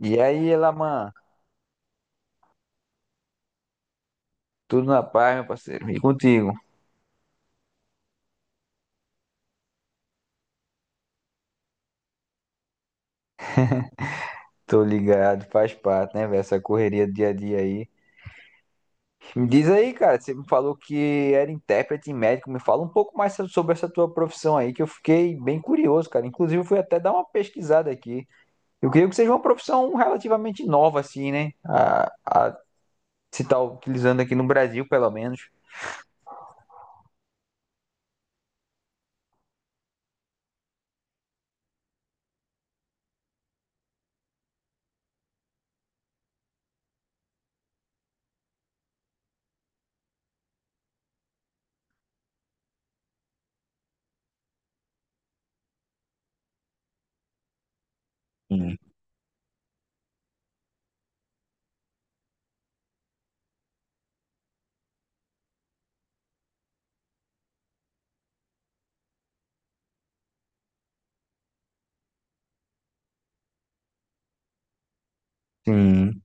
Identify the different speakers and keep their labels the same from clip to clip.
Speaker 1: E aí, Elaman, tudo na paz, meu parceiro? E contigo? Tô ligado, faz parte, né, velho? Essa correria do dia a dia aí. Me diz aí, cara, você me falou que era intérprete e médico. Me fala um pouco mais sobre essa tua profissão aí, que eu fiquei bem curioso, cara. Inclusive, eu fui até dar uma pesquisada aqui. Eu creio que seja uma profissão relativamente nova, assim, né? A se tá utilizando aqui no Brasil, pelo menos. Sim. Sim.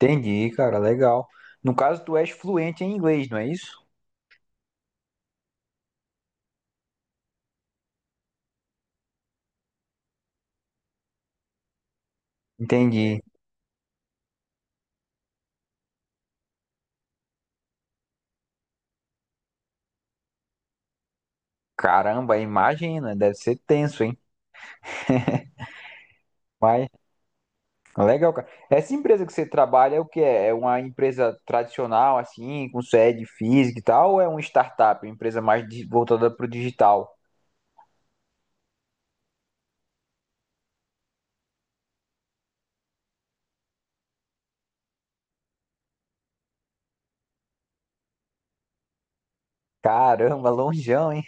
Speaker 1: Entendi, cara, legal. No caso, tu és fluente em inglês, não é isso? Entendi. Caramba, imagina, deve ser tenso, hein? Mas legal, cara. Essa empresa que você trabalha é o que é? É uma empresa tradicional, assim, com sede física e tal, ou é uma startup, uma empresa mais voltada para o digital? Caramba, longeão, hein?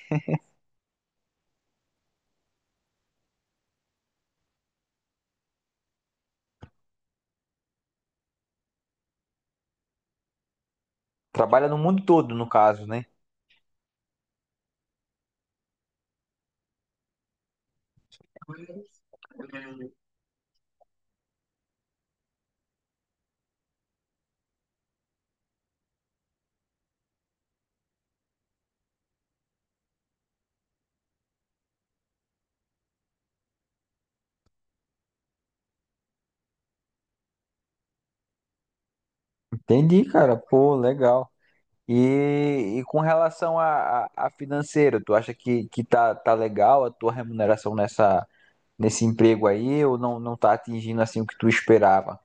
Speaker 1: Trabalha no mundo todo, no caso, né? Entendi, cara. Pô, legal. E com relação a financeiro, tu acha que tá legal a tua remuneração nesse emprego aí, ou não, não tá atingindo assim o que tu esperava?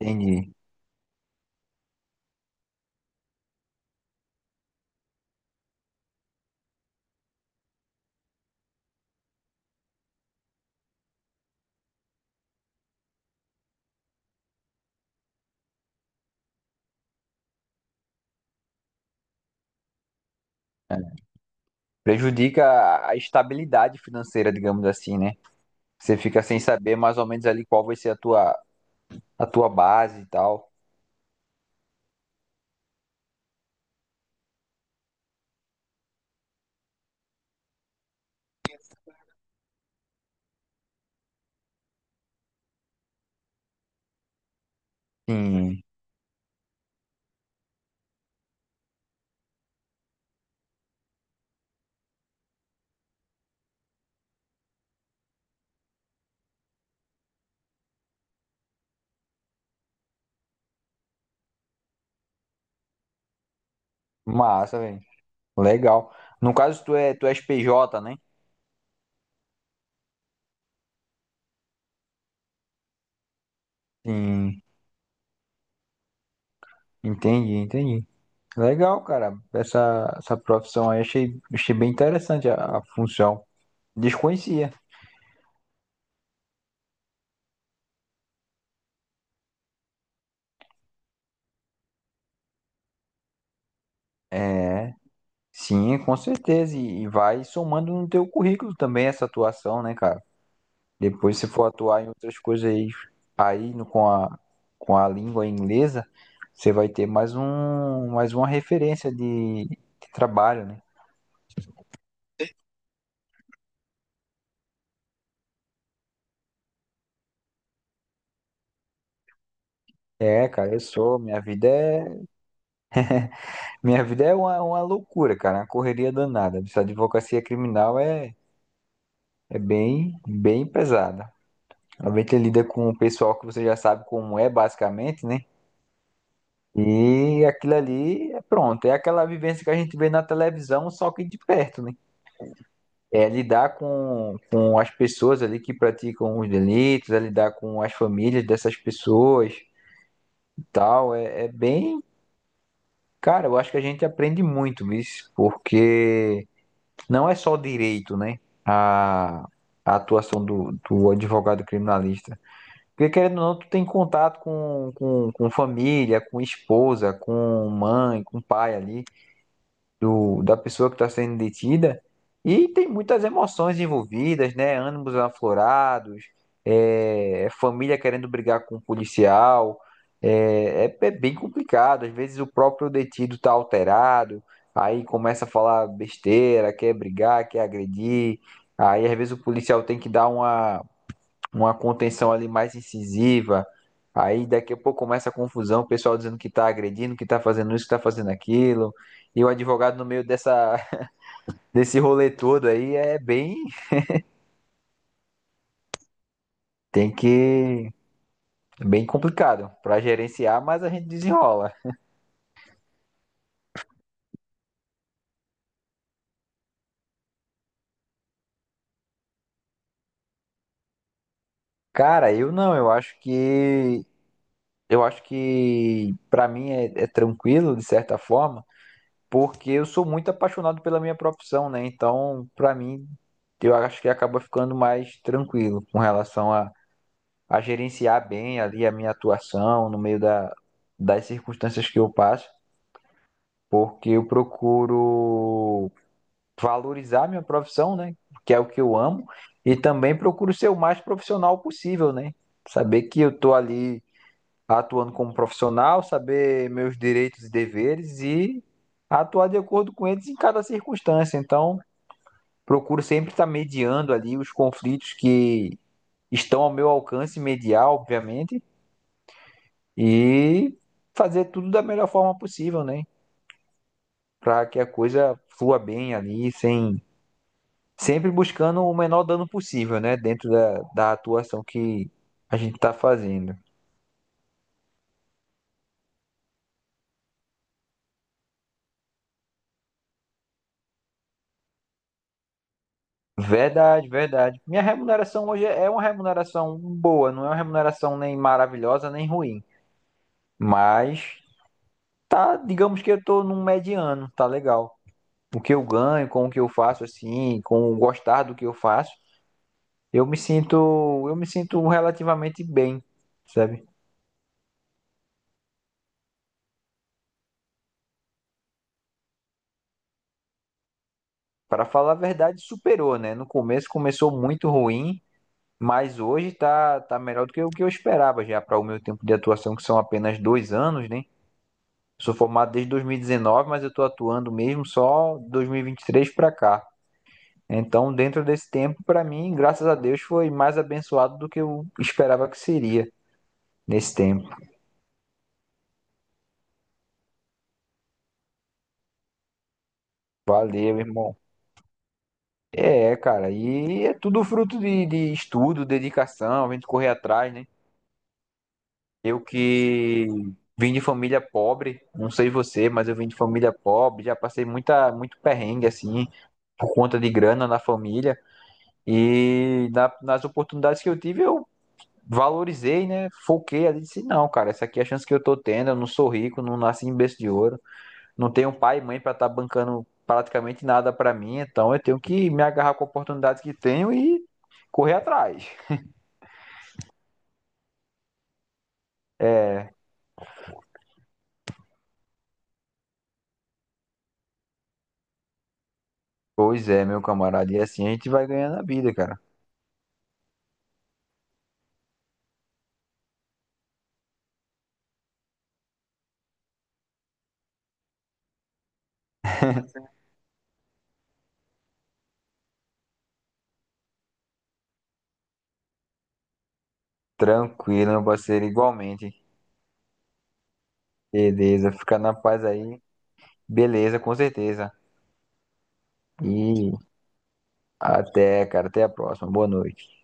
Speaker 1: Entendi. Prejudica a estabilidade financeira, digamos assim, né? Você fica sem saber mais ou menos ali qual vai ser a tua, a, tua base e tal. Sim, massa, velho. Legal. No caso, tu és PJ, né? Sim, entendi, entendi. Legal, cara. Essa profissão aí achei bem interessante a função. Desconhecia. É, sim, com certeza. E vai somando no teu currículo também essa atuação, né, cara? Depois, se for atuar em outras coisas aí, aí com a língua inglesa, você vai ter mais um, mais uma referência de trabalho, né? É, cara, eu sou. Minha vida é uma loucura, cara, uma correria danada. Essa advocacia criminal é bem, bem pesada. Ela vem lida com o pessoal que você já sabe como é, basicamente, né? E aquilo ali é pronto, é aquela vivência que a gente vê na televisão, só que de perto, né? É lidar com as pessoas ali que praticam os delitos, é lidar com as famílias dessas pessoas e tal. É, é bem. Cara, eu acho que a gente aprende muito isso, porque não é só direito, né? A atuação do advogado criminalista. Porque querendo ou não, tu tem contato com família, com esposa, com mãe, com pai ali, do, da pessoa que está sendo detida e tem muitas emoções envolvidas, né? Ânimos aflorados, é, é família querendo brigar com o policial, é, é, é bem complicado. Às vezes o próprio detido está alterado, aí começa a falar besteira, quer brigar, quer agredir, aí às vezes o policial tem que dar uma contenção ali mais incisiva. Aí daqui a pouco começa a confusão, o pessoal dizendo que tá agredindo, que tá fazendo isso, que tá fazendo aquilo. E o advogado no meio dessa, desse rolê todo aí tem que, é bem complicado pra gerenciar, mas a gente desenrola. Cara, eu não, eu acho que pra mim é tranquilo de certa forma, porque eu sou muito apaixonado pela minha profissão, né? Então, pra mim, eu acho que acaba ficando mais tranquilo com relação a gerenciar bem ali a minha atuação no meio das circunstâncias que eu passo, porque eu procuro valorizar minha profissão, né? Que é o que eu amo, e também procuro ser o mais profissional possível, né? Saber que eu tô ali atuando como profissional, saber meus direitos e deveres e atuar de acordo com eles em cada circunstância. Então, procuro sempre estar mediando ali os conflitos que estão ao meu alcance mediar, obviamente, e fazer tudo da melhor forma possível, né? Para que a coisa flua bem ali, sem sempre buscando o menor dano possível, né? Dentro da atuação que a gente está fazendo. Verdade, verdade. Minha remuneração hoje é uma remuneração boa, não é uma remuneração nem maravilhosa nem ruim, mas tá, digamos que eu tô num mediano, tá legal. O que eu ganho, com o que eu faço assim, com o gostar do que eu faço, Eu me sinto, eu me sinto, relativamente bem, sabe? Para falar a verdade, superou, né? No começo começou muito ruim, mas hoje tá melhor do que o que eu esperava já para o meu tempo de atuação, que são apenas 2 anos, né? Sou formado desde 2019, mas eu estou atuando mesmo só dois mil e vinte e três para cá. Então, dentro desse tempo, para mim, graças a Deus, foi mais abençoado do que eu esperava que seria nesse tempo. Valeu, irmão. É, cara, e é tudo fruto de estudo, dedicação, a gente correr atrás, né? Eu que vim de família pobre, não sei você, mas eu vim de família pobre, já passei muita, muito perrengue, assim, por conta de grana na família, e nas oportunidades que eu tive, eu valorizei, né? Foquei ali, disse, não, cara, essa aqui é a chance que eu tô tendo, eu não sou rico, não nasci em berço de ouro, não tenho pai e mãe para estar bancando praticamente nada para mim, então eu tenho que me agarrar com a oportunidade que tenho e correr atrás. Pois é, meu camarada, e assim a gente vai ganhando a vida, cara. Tranquilo, meu parceiro, igualmente. Beleza, fica na paz aí. Beleza, com certeza. E até, cara, até a próxima. Boa noite.